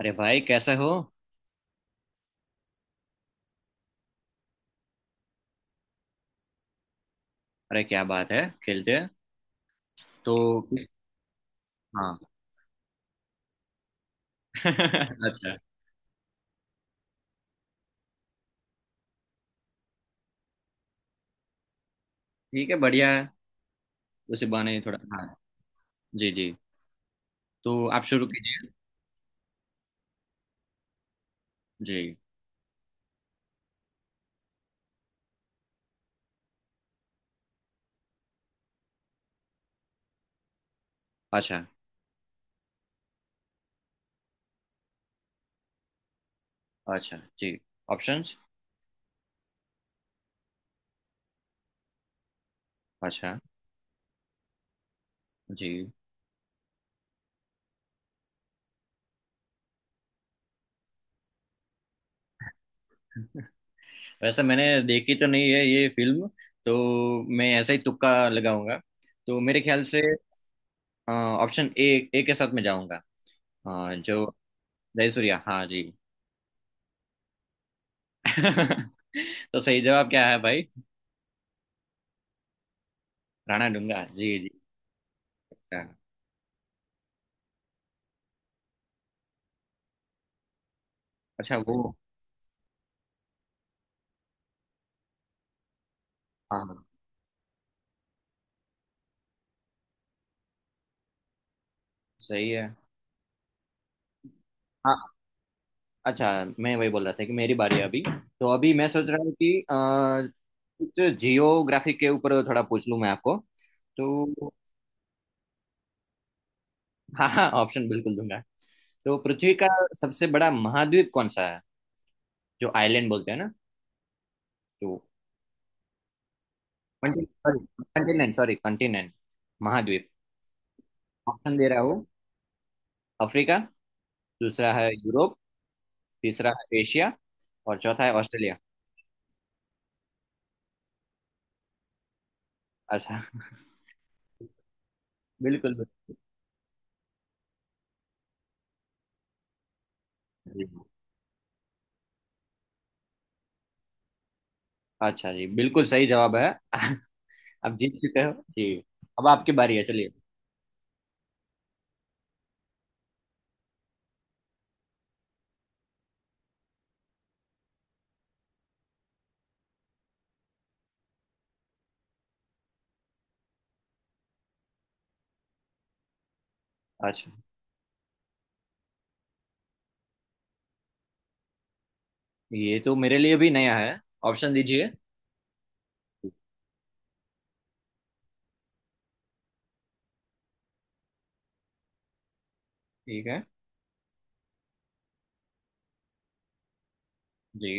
अरे भाई कैसे हो। अरे क्या बात है, खेलते हैं। तो किस। हाँ। अच्छा। ठीक है, बढ़िया है। उसी बहाने ही थोड़ा, हाँ। जी जी। तो आप शुरू कीजिए। जी। अच्छा। अच्छा जी, ऑप्शंस। अच्छा जी। वैसे मैंने देखी तो नहीं है ये फिल्म। तो मैं ऐसा ही तुक्का लगाऊंगा। तो मेरे ख्याल से ऑप्शन ए। ए के साथ में जाऊंगा। जो। जयसूर्या, हाँ जी। तो सही जवाब क्या है भाई? राणा डूंगा, जी जी। अच्छा, वो। हाँ हाँ। सही है। हाँ। अच्छा। मैं वही बोल रहा था कि मेरी बारी है अभी। तो अभी मैं सोच रहा हूँ कि कुछ जियोग्राफी के ऊपर थोड़ा पूछ लूँ मैं आपको। तो। हाँ हाँ, ऑप्शन बिल्कुल दूंगा। तो पृथ्वी का सबसे बड़ा महाद्वीप कौन सा है? जो आइलैंड बोलते हैं ना। तो। कंटिनेंट, सॉरी कंटिनेंट, महाद्वीप। ऑप्शन दे रहा हूँ। अफ्रीका। दूसरा है यूरोप। तीसरा है एशिया। और चौथा है ऑस्ट्रेलिया। अच्छा। बिल्कुल बिल्कुल। अच्छा जी, बिल्कुल सही जवाब है। आप जीत चुके हो जी। अब आपकी बारी है, चलिए। अच्छा, ये तो मेरे लिए भी नया है। ऑप्शन दीजिए। ठीक है। जी।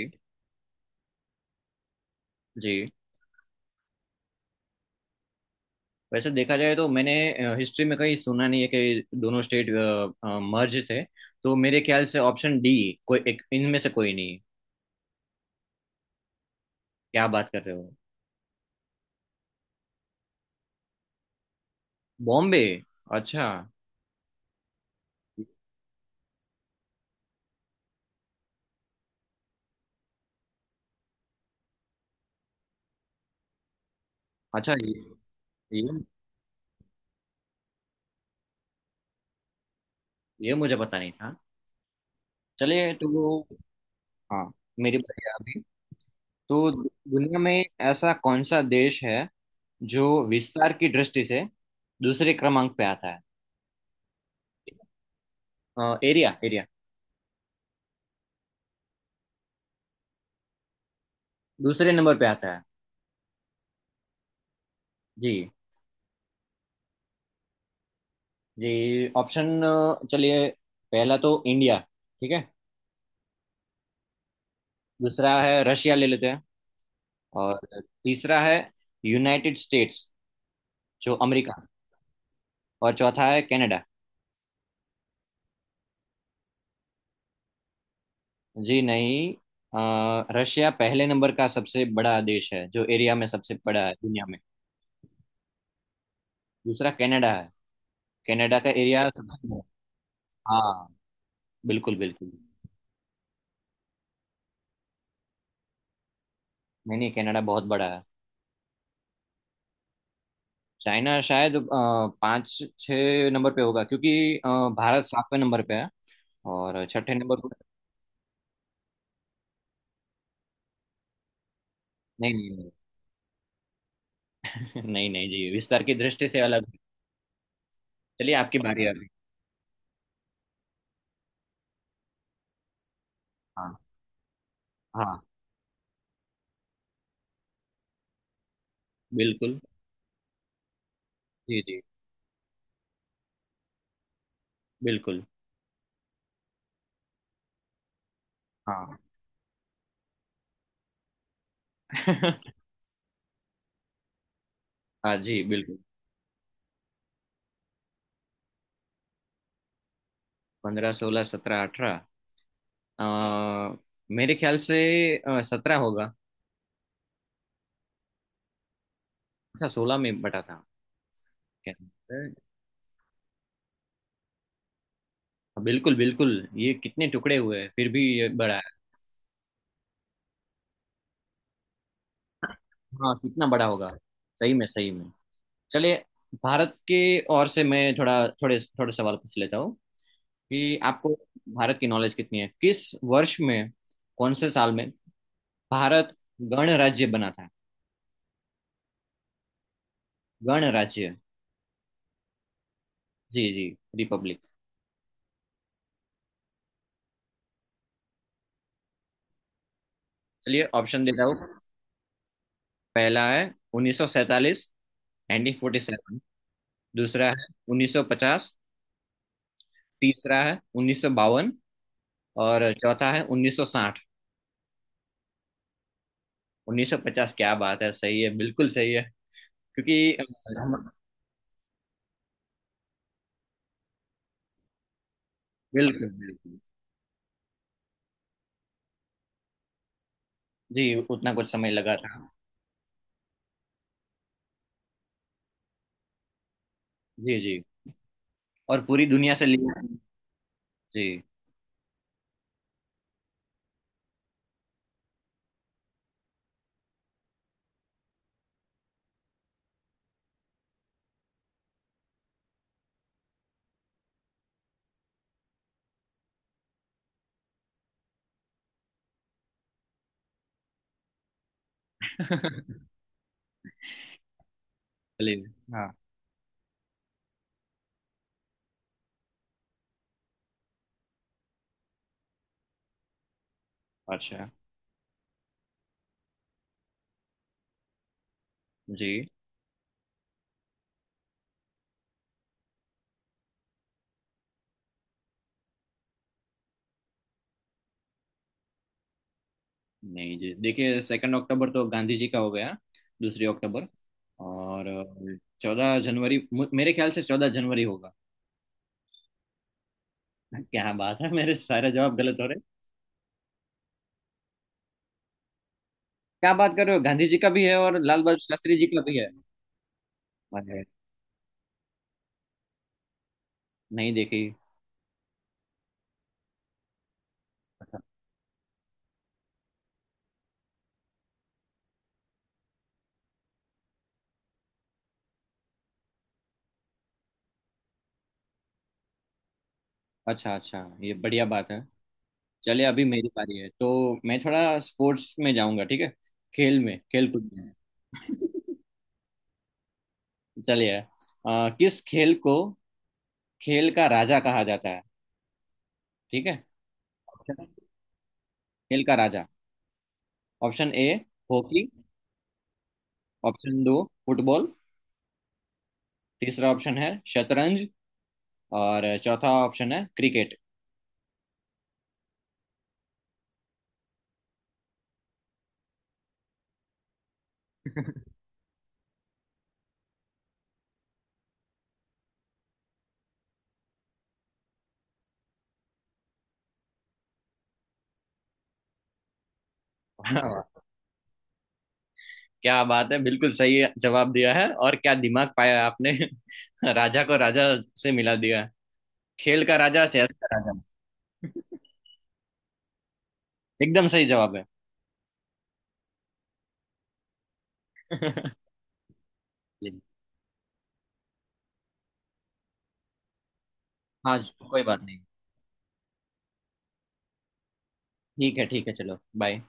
जी। वैसे देखा जाए तो मैंने हिस्ट्री में कहीं सुना नहीं है कि दोनों स्टेट मर्ज थे। तो मेरे ख्याल से ऑप्शन डी, कोई एक इनमें से कोई नहीं है। क्या बात कर रहे हो? बॉम्बे। अच्छा। अच्छा, ये ये मुझे पता नहीं था। चलिए तो। हाँ। मेरी बारी है अभी। तो दुनिया में ऐसा कौन सा देश है जो विस्तार की दृष्टि से दूसरे क्रमांक पे आता है? Area area. दूसरे नंबर पे आता है। जी जी। ऑप्शन चलिए। पहला तो इंडिया। ठीक है। दूसरा है रशिया, ले लेते हैं। और तीसरा है यूनाइटेड स्टेट्स, जो अमेरिका। और चौथा है कनाडा। जी नहीं। रशिया पहले नंबर का सबसे बड़ा देश है, जो एरिया में सबसे बड़ा है दुनिया में। दूसरा कनाडा है। कनाडा का एरिया सबसे। हाँ, बिल्कुल बिल्कुल। नहीं नहीं, कनाडा बहुत बड़ा है। चाइना शायद पाँच छः नंबर पे होगा, क्योंकि भारत सातवें नंबर पे है। और छठे नंबर पर। नहीं नहीं नहीं। नहीं नहीं जी, विस्तार की दृष्टि से अलग है। चलिए आपकी बारी है अभी। हाँ हाँ, बिल्कुल। जी जी, बिल्कुल। हाँ। हाँ जी, बिल्कुल। 15, 16, 17, 18। मेरे ख्याल से 17 होगा। अच्छा, 16 में बटा था क्या? हाँ, बिल्कुल बिल्कुल। ये कितने टुकड़े हुए हैं फिर भी ये बड़ा है। हाँ, कितना बड़ा होगा। सही में सही में। चलिए। भारत के ओर से मैं थोड़ा थोड़े थोड़े सवाल पूछ लेता हूँ कि आपको भारत की नॉलेज कितनी है। किस वर्ष में, कौन से साल में भारत गणराज्य बना था? गणराज्य। जी जी, रिपब्लिक। चलिए, ऑप्शन देता हूँ। पहला है 1947, 1947। दूसरा है 1950। तीसरा है 1952। और चौथा है 1960। 1950, क्या बात है, सही है, बिल्कुल सही है। क्योंकि हम- बिल्कुल बिल्कुल। जी उतना कुछ समय लगा था। जी जी। और पूरी दुनिया से लिया। जी। भले। हाँ। अच्छा जी। नहीं जी, देखिए सेकंड अक्टूबर तो गांधी जी का हो गया। दूसरी अक्टूबर। और 14 जनवरी, मेरे ख्याल से 14 जनवरी होगा। क्या बात है, मेरे सारे जवाब गलत हो रहे। क्या बात कर रहे हो, गांधी जी का भी है और लाल बहादुर शास्त्री जी का भी है? अरे। नहीं देखी। अच्छा अच्छा, ये बढ़िया बात है। चलिए अभी मेरी बारी है तो मैं थोड़ा स्पोर्ट्स में जाऊंगा, ठीक है। खेल में, खेल कूद में। चलिए, किस खेल को खेल का राजा कहा जाता है? ठीक है। ऑप्शन। खेल का राजा। Option A. हॉकी। ऑप्शन दो। फुटबॉल। तीसरा ऑप्शन है शतरंज। और चौथा ऑप्शन है क्रिकेट। वाह वाह। क्या बात है, बिल्कुल सही जवाब दिया है, और क्या दिमाग पाया है आपने। राजा को राजा से मिला दिया है। खेल का राजा, चेस का राजा। एकदम सही जवाब है। जी। हाँ जी, कोई बात नहीं। ठीक है, ठीक है, चलो। बाय।